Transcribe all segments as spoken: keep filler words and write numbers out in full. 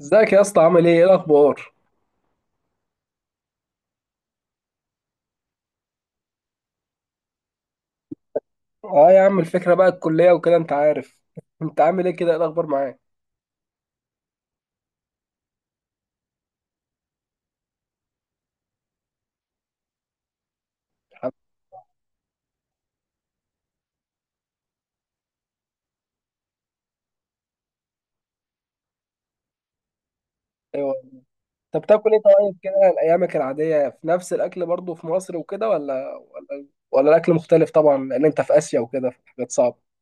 ازيك يا اسطى، عامل ايه ايه الاخبار؟ اه يا عم الفكره بقى الكليه وكده انت عارف. انت عامل ايه كده؟ ايه الاخبار معاك؟ الحمد لله، ايه والله. طب بتاكل ايه طيب كده؟ ايامك العاديه في نفس الاكل برضو في مصر وكده، ولا ولا ولا الاكل مختلف طبعا لان انت في اسيا وكده في حاجات صعبه؟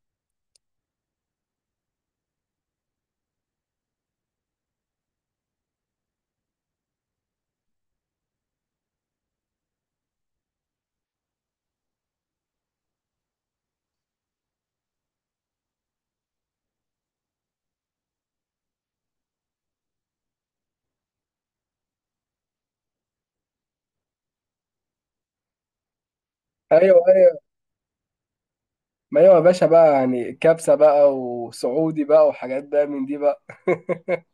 ايوه ايوه. ما ايوه يا باشا، بقى يعني كبسه بقى وسعودي بقى وحاجات بقى من دي بقى.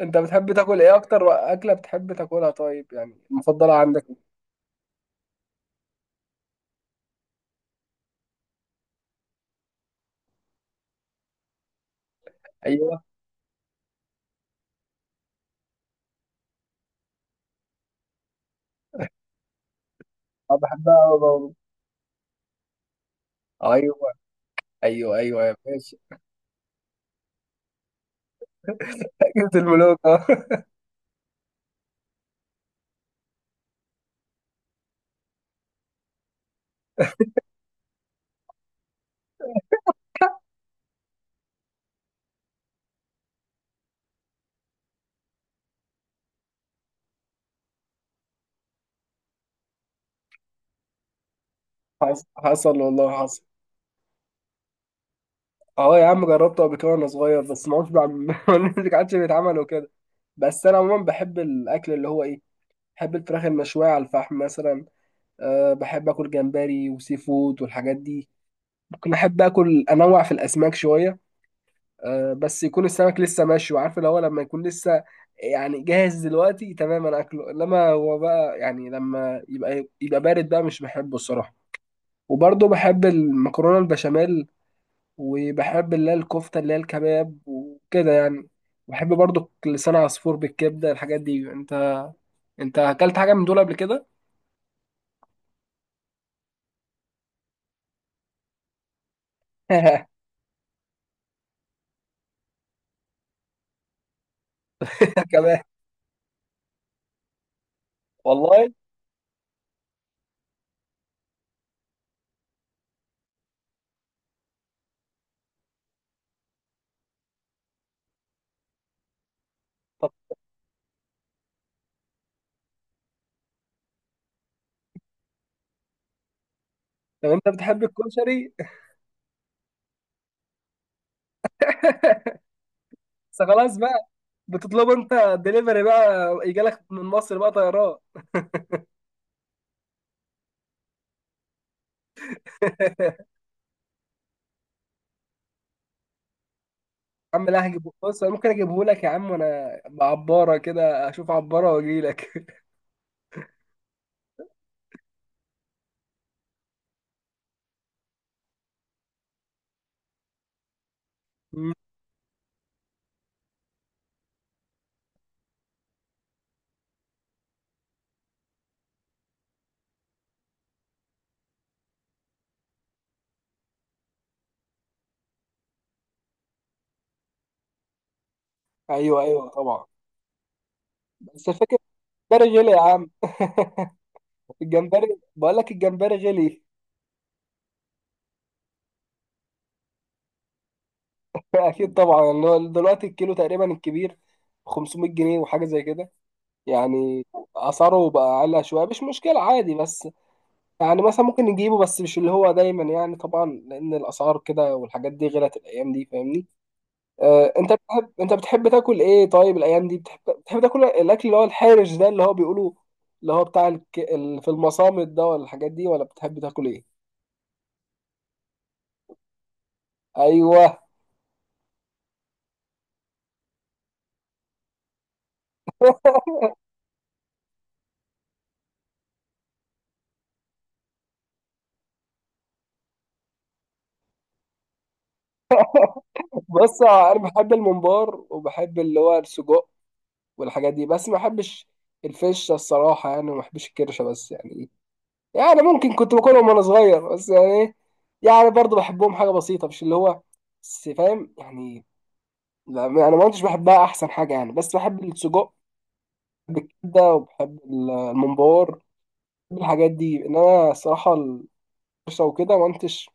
انت بتحب تاكل ايه؟ اكتر اكله بتحب تاكلها طيب، يعني المفضله عندك إيه؟ ايوه، اه بحبها أوي برضه. ايوه ايوه ايوه يا باشا، جبت البلوك اه. حصل حصل والله حصل. اه يا عم، جربته قبل كده وانا صغير بس ما عادش بعمل، ما عادش بيتعمل وكده. بس انا عموما بحب الاكل اللي هو ايه، بحب الفراخ المشويه على الفحم مثلا. أه بحب اكل جمبري وسي فود والحاجات دي. ممكن احب اكل انوع في الاسماك شويه. أه بس يكون السمك لسه مشوي، عارف اللي هو لما يكون لسه يعني جاهز دلوقتي تمام انا اكله، انما هو بقى يعني لما يبقى يبقى بارد بقى مش بحبه الصراحه. وبرضه بحب المكرونه البشاميل. وبحب اللي هي الكفتة اللي هي الكباب وكده يعني. بحب برضو لسان عصفور بالكبدة الحاجات دي. انت انت اكلت حاجة من دول قبل كده؟ كباب. والله. طب طب انت بتحب الكشري؟ بس خلاص بقى. بتطلبه انت دليفري بقى؟ يجيلك من مصر بقى طيران؟ يا عم لا هجيبه، بص انا ممكن اجيبه لك يا عم، وانا بعبارة كده اشوف عبارة واجي لك. ايوه ايوه طبعا. بس الفكرة الجمبري غلي يا عم، الجمبري بقول لك الجمبري غلي. اكيد طبعا، اللي هو دلوقتي الكيلو تقريبا الكبير خمسمية جنيه وحاجه زي كده يعني. اسعاره بقى اعلى شويه، مش مشكله عادي بس، يعني مثلا ممكن نجيبه بس مش اللي هو دايما يعني طبعا لان الاسعار كده والحاجات دي غلت الايام دي، فاهمني؟ آه، انت بتحب انت بتحب تاكل ايه طيب الايام دي؟ بتحب بتحب تاكل الاكل اللي هو الحارج ده اللي هو بيقولوا اللي هو بتاع الك... ال- في المصامت ده، ولا الحاجات دي؟ ولا بتحب تاكل ايه؟ ايوه. بص انا بحب الممبار وبحب اللي هو السجق والحاجات دي، بس ما بحبش الفشه الصراحه. يعني ما بحبش الكرشه بس، يعني يعني ممكن كنت باكلهم وانا صغير بس يعني ايه، يعني برضه بحبهم حاجه بسيطه مش اللي هو بس، فاهم يعني؟ لا انا ما كنتش بحبها، احسن حاجه يعني بس بحب السجق بالكبده، وبحب ال- الممبار. بحب الحاجات دي، انما الصراحه الكرشه وكده ما كنتش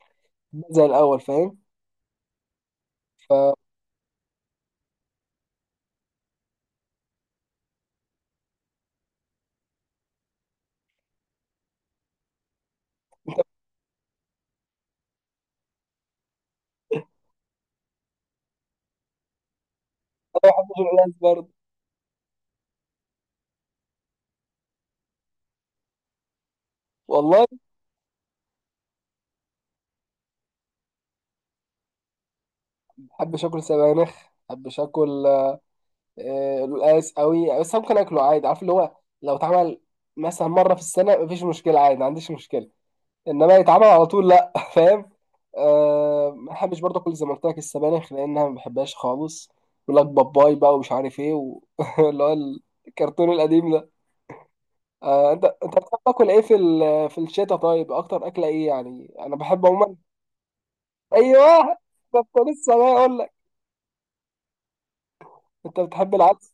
زي الاول، فاهم؟ انا ما بحبش القلقاس برضه. والله ما بحبش اكل سبانخ. ما بحبش اكل آه، القلقاس قوي، بس أنا ممكن اكله عادي، عارف اللي هو لو اتعمل مثلا مره في السنه مفيش مشكله عادي، ما عنديش مشكله، انما يتعمل على طول لا، فاهم؟ أه ما بحبش برضه كل زي ما قلت لك السبانخ، لانها ما بحبهاش خالص. يقول لك باباي بقى ومش عارف ايه و- اللي هو الكرتون القديم ده. أه انت انت بتحب تاكل ايه في ال- في الشتاء طيب؟ اكتر اكله ايه يعني؟ انا بحب عموما. ايوه، ده كنت لسه بقى اقول لك. انت بتحب العدس؟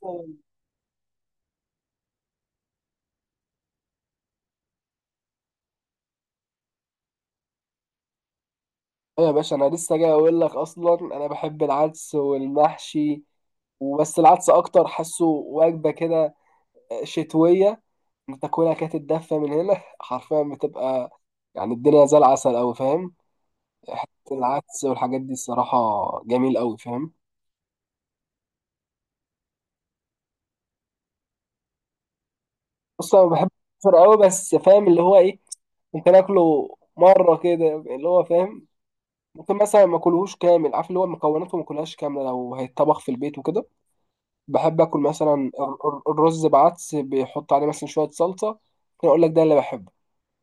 ايه يا باشا، انا لسه جاي اقول لك، اصلا انا بحب العدس والمحشي وبس. العدس اكتر، حاسه وجبه كده شتويه، انت تاكلها كده تتدفى من هنا، حرفيا بتبقى يعني الدنيا زي العسل اوي، فاهم؟ حته العدس والحاجات دي الصراحه جميل اوي، فاهم؟ بص انا بحب الفطير اوي، بس فاهم اللي هو ايه، ممكن اكله مره كده اللي هو، فاهم؟ ممكن مثلا ما اكلهوش كامل، عارف اللي هو مكوناته ما اكلهاش كامله لو هيتطبخ في البيت وكده. بحب اكل مثلا الر- الر- الرز بعدس بيحط عليه مثلا شويه صلصه. كان اقول لك ده اللي بحبه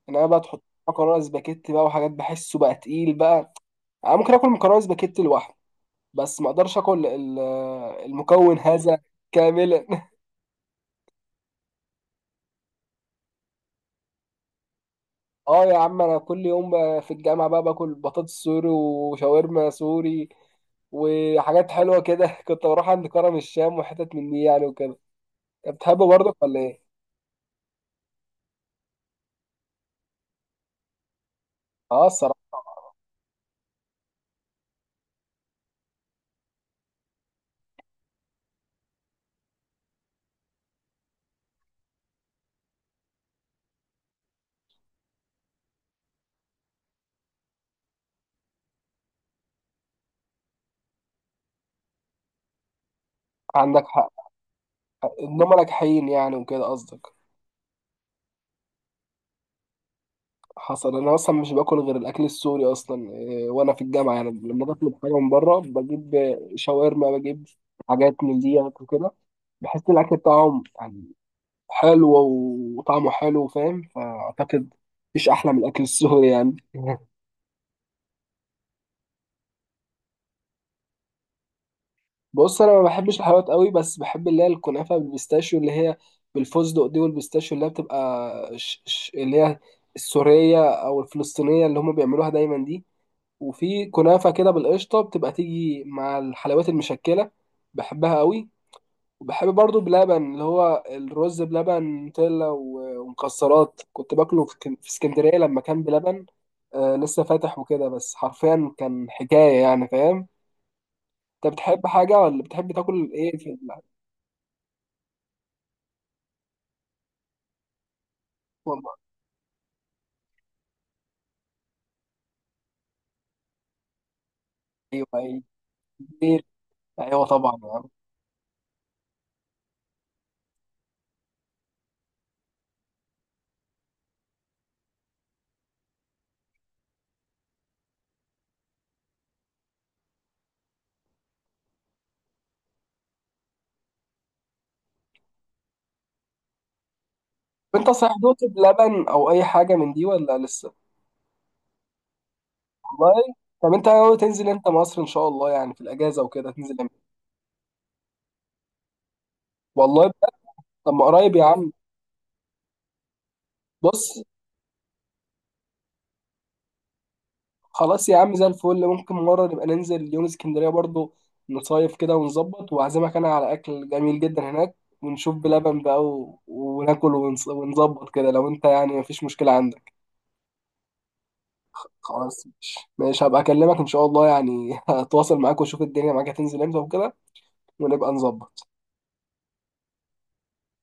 انا بقى. تحط مكرونه سباكيتي بقى وحاجات بحسه بقى تقيل بقى. انا ممكن اكل مكرونه سباكيتي لوحده، بس ما اقدرش اكل ال- المكون هذا كاملا. اه يا عم، انا كل يوم بقى في الجامعه بقى باكل بطاطس سوري وشاورما سوري وحاجات حلوه كده. كنت بروح عند كرم الشام وحتت من دي يعني وكده. انت بتحبه برضك ولا ايه؟ اه الصراحه. عندك حق. انهم ناجحين يعني وكده قصدك. حصل. انا اصلا مش باكل غير الاكل السوري اصلا إيه، وانا في الجامعه يعني لما بطلب حاجه من بره بجيب شاورما، بجيب حاجات من ديت وكده. بحس ان الاكل بتاعهم يعني حلو، وطعمه حلو، فاهم؟ فاعتقد مفيش احلى من الاكل السوري يعني. بص انا ما بحبش الحلويات قوي، بس بحب اللي هي الكنافه بالبيستاشيو اللي هي بالفستق دي، والبيستاشيو اللي هي بتبقى ش ش اللي هي السوريه او الفلسطينيه اللي هم بيعملوها دايما دي. وفي كنافة كده بالقشطة بتبقى تيجي مع الحلويات المشكلة، بحبها قوي. وبحب برضو بلبن، اللي هو الرز بلبن نوتيلا و- ومكسرات، كنت باكله في كن- في اسكندرية لما كان بلبن آه، لسه فاتح وكده، بس حرفيا كان حكاية يعني، فاهم؟ انت بتحب حاجة ولا بتحب تاكل ايه في ال- والله ايوه ايوه ايوه. أيوة طبعا يعني. انت صحيح دوت بلبن او اي حاجة من دي ولا لسه؟ والله. طب انت ناوي تنزل انت مصر ان شاء الله يعني في الاجازة وكده تنزل؟ والله بجد. طب ما قريب يا عم. بص خلاص يا عم زي الفل، ممكن مرة نبقى ننزل يوم اسكندرية برضو، نصيف كده ونظبط، وأعزمك أنا على أكل جميل جدا هناك. ونشوف بلبن بقى و... وناكل ونص... ونظبط كده لو أنت يعني مفيش مشكلة عندك. خلاص، مش مش هبقى أكلمك إن شاء الله يعني، هتواصل معاك وأشوف الدنيا معاك هتنزل إمتى وكده، ونبقى نظبط